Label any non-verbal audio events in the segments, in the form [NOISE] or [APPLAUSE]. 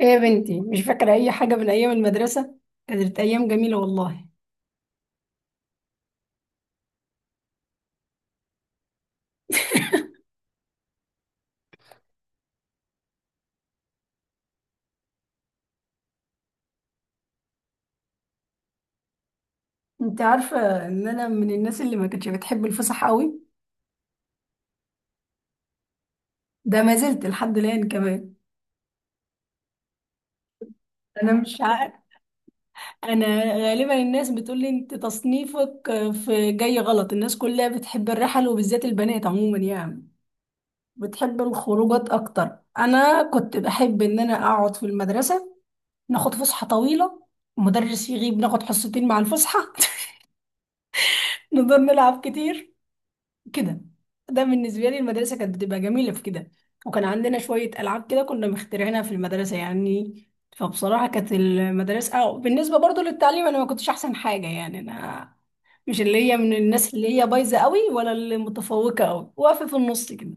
ايه يا بنتي، مش فاكرة أي حاجة من أيام المدرسة. كانت أيام جميلة والله. [LAUGHS] أنت عارفة إن أنا من الناس اللي ما كانتش بتحب الفسح قوي. ده ما زلت لحد الآن كمان. أنا مش عارف. أنا، غالبا الناس بتقول لي أنت تصنيفك في جاي غلط. الناس كلها بتحب الرحل وبالذات البنات عموما، يعني بتحب الخروجات أكتر. أنا كنت بحب إن أنا أقعد في المدرسة، ناخد فسحة طويلة، مدرس يغيب ناخد حصتين مع الفسحة. [LAUGHS] نقدر نلعب كتير كده. ده بالنسبة لي المدرسة كانت بتبقى جميلة في كده. وكان عندنا شوية ألعاب كده كنا مخترعينها في المدرسة يعني. فبصراحة كانت المدرسة أو بالنسبة برضو للتعليم، أنا ما كنتش أحسن حاجة يعني. أنا مش اللي هي من الناس اللي هي بايظة قوي ولا اللي متفوقة قوي، واقفة في النص كده.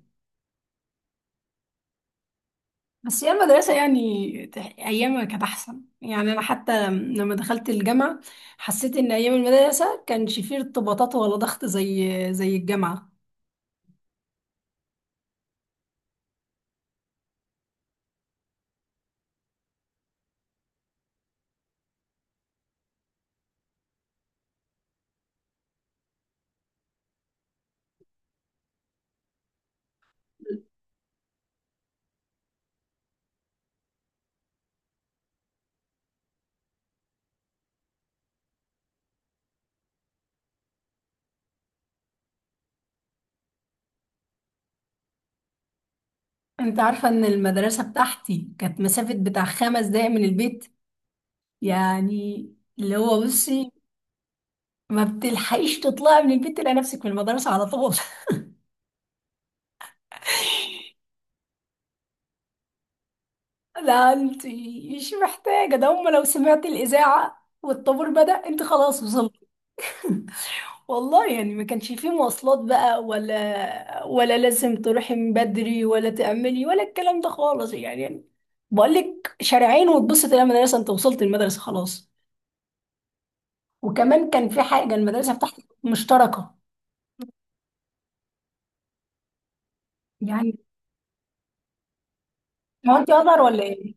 بس هي المدرسة يعني أيامها كانت أحسن، يعني أنا حتى لما دخلت الجامعة حسيت إن أيام المدرسة كانش فيه ارتباطات ولا ضغط زي الجامعة. انت عارفة ان المدرسة بتاعتي كانت مسافة بتاع خمس دقايق من البيت، يعني اللي هو بصي، ما بتلحقيش تطلعي من البيت، تلاقي نفسك في المدرسة على طول. [LAUGHS] لا انت مش محتاجة ده، هم لو سمعت الإذاعة والطابور بدأ انت خلاص وصلت. والله يعني ما كانش فيه مواصلات بقى، ولا لازم تروحي من بدري ولا تأملي ولا الكلام ده خالص يعني بقول لك شارعين وتبص تلاقي المدرسة، انت وصلت المدرسة خلاص. وكمان كان في حاجه، المدرسه بتاعتي مشتركه يعني. هو انت ازهر ولا ايه؟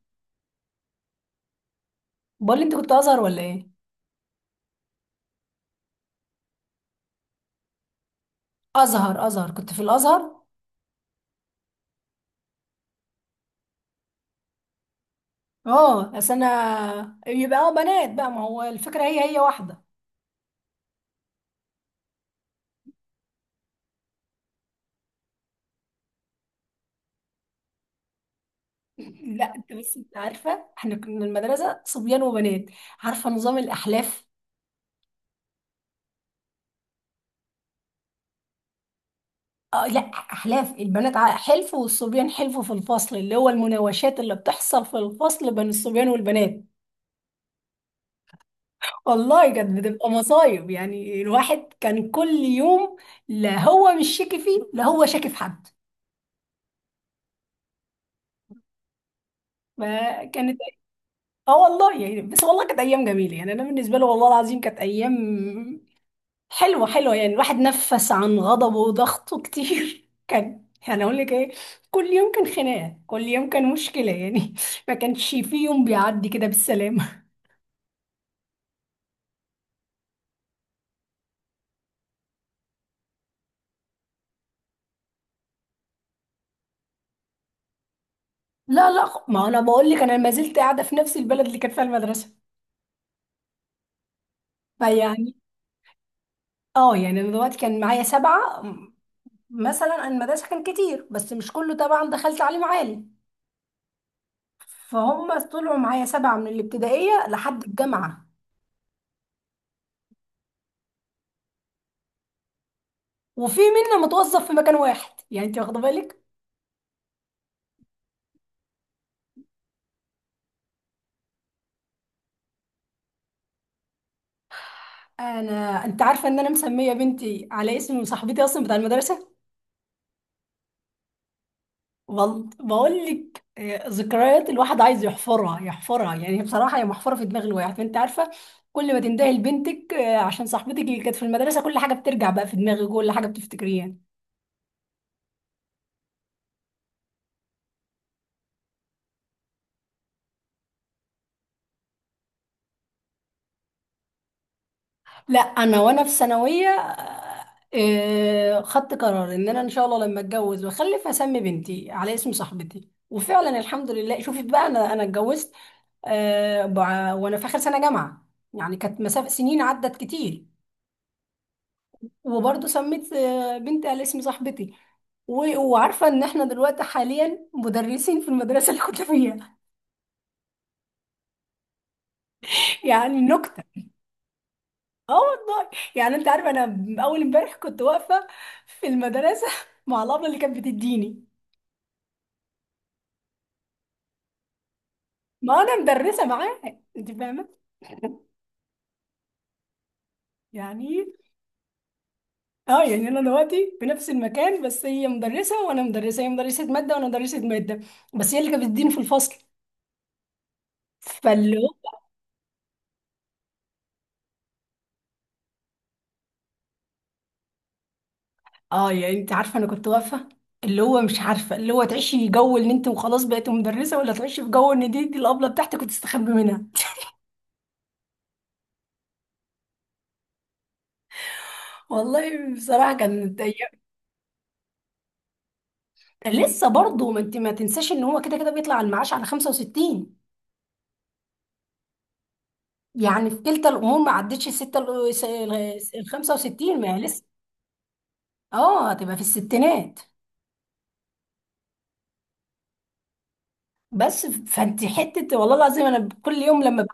بقول لي انت كنت ازهر ولا ايه؟ ازهر ازهر، كنت في الازهر؟ اه، بس انا يبقى بنات بقى، ما هو الفكره هي هي واحده. لا انت، بس انت عارفه احنا كنا المدرسه صبيان وبنات، عارفه نظام الاحلاف؟ اه لا، احلاف البنات حلف والصبيان حلف في الفصل، اللي هو المناوشات اللي بتحصل في الفصل بين الصبيان والبنات. والله كانت بتبقى مصايب يعني، الواحد كان كل يوم. لا هو مش شاكي فيه، لا هو شاكي في حد، فكانت. اه والله يعني، بس والله كانت ايام جميله، يعني انا بالنسبه له والله العظيم كانت ايام حلوه حلوه يعني. الواحد نفس عن غضبه وضغطه كتير. [LAUGHS] كان يعني اقول لك ايه، كل يوم كان خناقه، كل يوم كان مشكله يعني. [LAUGHS] ما كانش في يوم بيعدي كده بالسلامه. [LAUGHS] لا لا، ما انا بقول لك انا ما زلت قاعده في نفس البلد اللي كانت فيها المدرسه، فيعني. اه يعني انا دلوقتي كان معايا سبعة مثلا انا المدرسة كان كتير، بس مش كله طبعا دخل تعليم عالي. فهم طلعوا معايا سبعة من الابتدائية لحد الجامعة. وفي منا متوظف في مكان واحد، يعني انت واخدة بالك. انا، انت عارفة ان انا مسمية بنتي على اسم صاحبتي اصلا بتاع المدرسة. بقول لك، ذكريات الواحد عايز يحفرها يحفرها يعني، بصراحة هي محفورة في دماغ الواحد، انت عارفة. كل ما تندهي لبنتك عشان صاحبتك اللي كانت في المدرسة كل حاجة بترجع بقى في دماغك، كل حاجة بتفتكريها. لا انا وانا في ثانويه خدت قرار ان انا ان شاء الله لما اتجوز واخلف هسمي بنتي على اسم صاحبتي، وفعلا الحمد لله. شوفي بقى انا اتجوزت وانا في اخر سنه جامعه، يعني كانت مسافه سنين عدت كتير. وبرضه سميت بنتي على اسم صاحبتي. وعارفه ان احنا دلوقتي حاليا مدرسين في المدرسه اللي كنت فيها. [LAUGHS] يعني نكته. اه والله، يعني انت عارفه انا اول امبارح كنت واقفه في المدرسه مع الابله اللي كانت بتديني. ما انا مدرسه معاها، انت فاهمه يعني. اه يعني انا دلوقتي في نفس المكان، بس هي مدرسه وانا مدرسه، هي مدرسه ماده وانا مدرسه ماده. بس هي اللي كانت بتديني في الفصل، فاللي هو. اه يعني انت عارفه انا كنت واقفه، اللي هو مش عارفه، اللي هو تعيشي جو ان انت وخلاص بقيت مدرسه ولا تعيشي في جو ان دي الابله بتاعتك وتستخبي منها. والله بصراحه كانت ايام. لسه برضه، ما انت ما تنساش ان هو كده كده بيطلع المعاش على 65، يعني في كلتا الامور ما عدتش الستة. ال 65، ما هي لسه، اه هتبقى في الستينات. بس فانت حته، والله العظيم انا كل يوم لما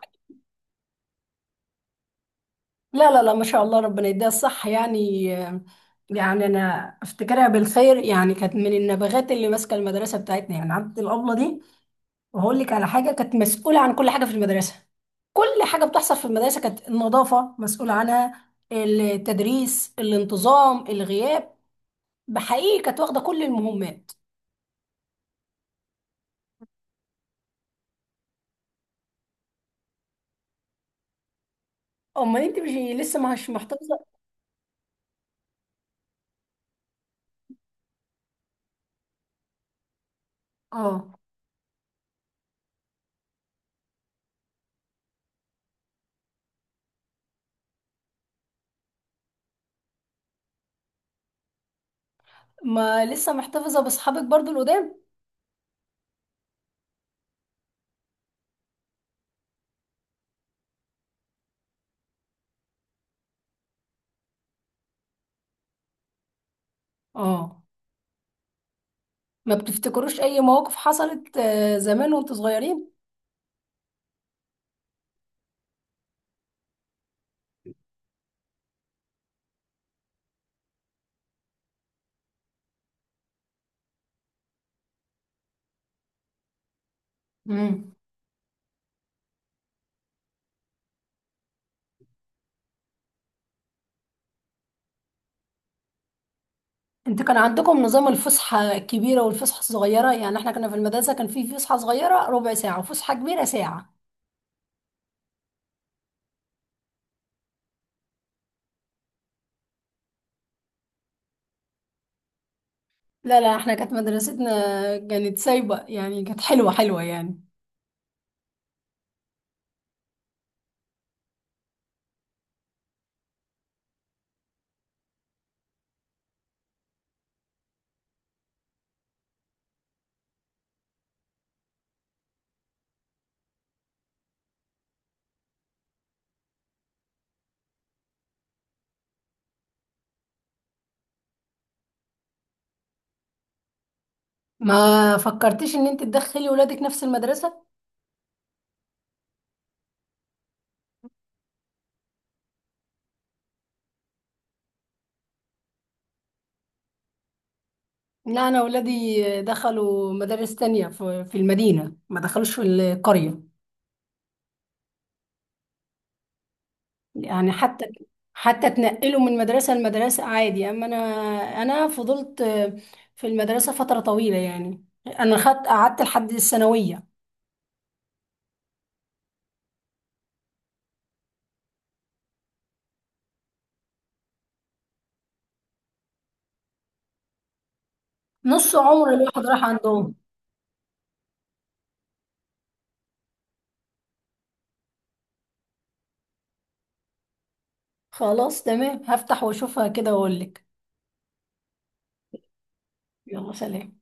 لا لا لا، ما شاء الله ربنا يديها الصح يعني. يعني انا افتكرها بالخير، يعني كانت من النبغات اللي ماسكه المدرسه بتاعتنا يعني، عبد الابله دي. وهقول لك على حاجه، كانت مسؤوله عن كل حاجه في المدرسه. كل حاجه بتحصل في المدرسه كانت النظافه مسؤوله عنها، التدريس، الانتظام، الغياب. بحقيقه كانت واخده كل المهمات. امال انت مش لسه مش محتفظه؟ اه، ما لسه محتفظة بأصحابك برضو القدام؟ اه، ما بتفتكروش أي مواقف حصلت زمان وانتوا صغيرين؟ امم انت كان عندكم نظام الفسحة الكبيرة والفسحة الصغيرة؟ يعني احنا كنا في المدرسة كان في فسحة صغيرة ربع ساعة وفسحة كبيرة ساعة. لا لا، احنا كانت مدرستنا كانت سايبة يعني، كانت حلوة حلوة يعني. ما فكرتيش ان انت تدخلي ولادك نفس المدرسة؟ لا انا ولادي دخلوا مدارس تانية في المدينة، ما دخلوش في القرية يعني. حتى تنقله من مدرسة لمدرسة عادي، أما أنا فضلت في المدرسة فترة طويلة يعني. أنا خدت قعدت لحد الثانوية. نص عمر الواحد راح عندهم. خلاص تمام، هفتح وأشوفها كده وأقول لك. يلا سلام.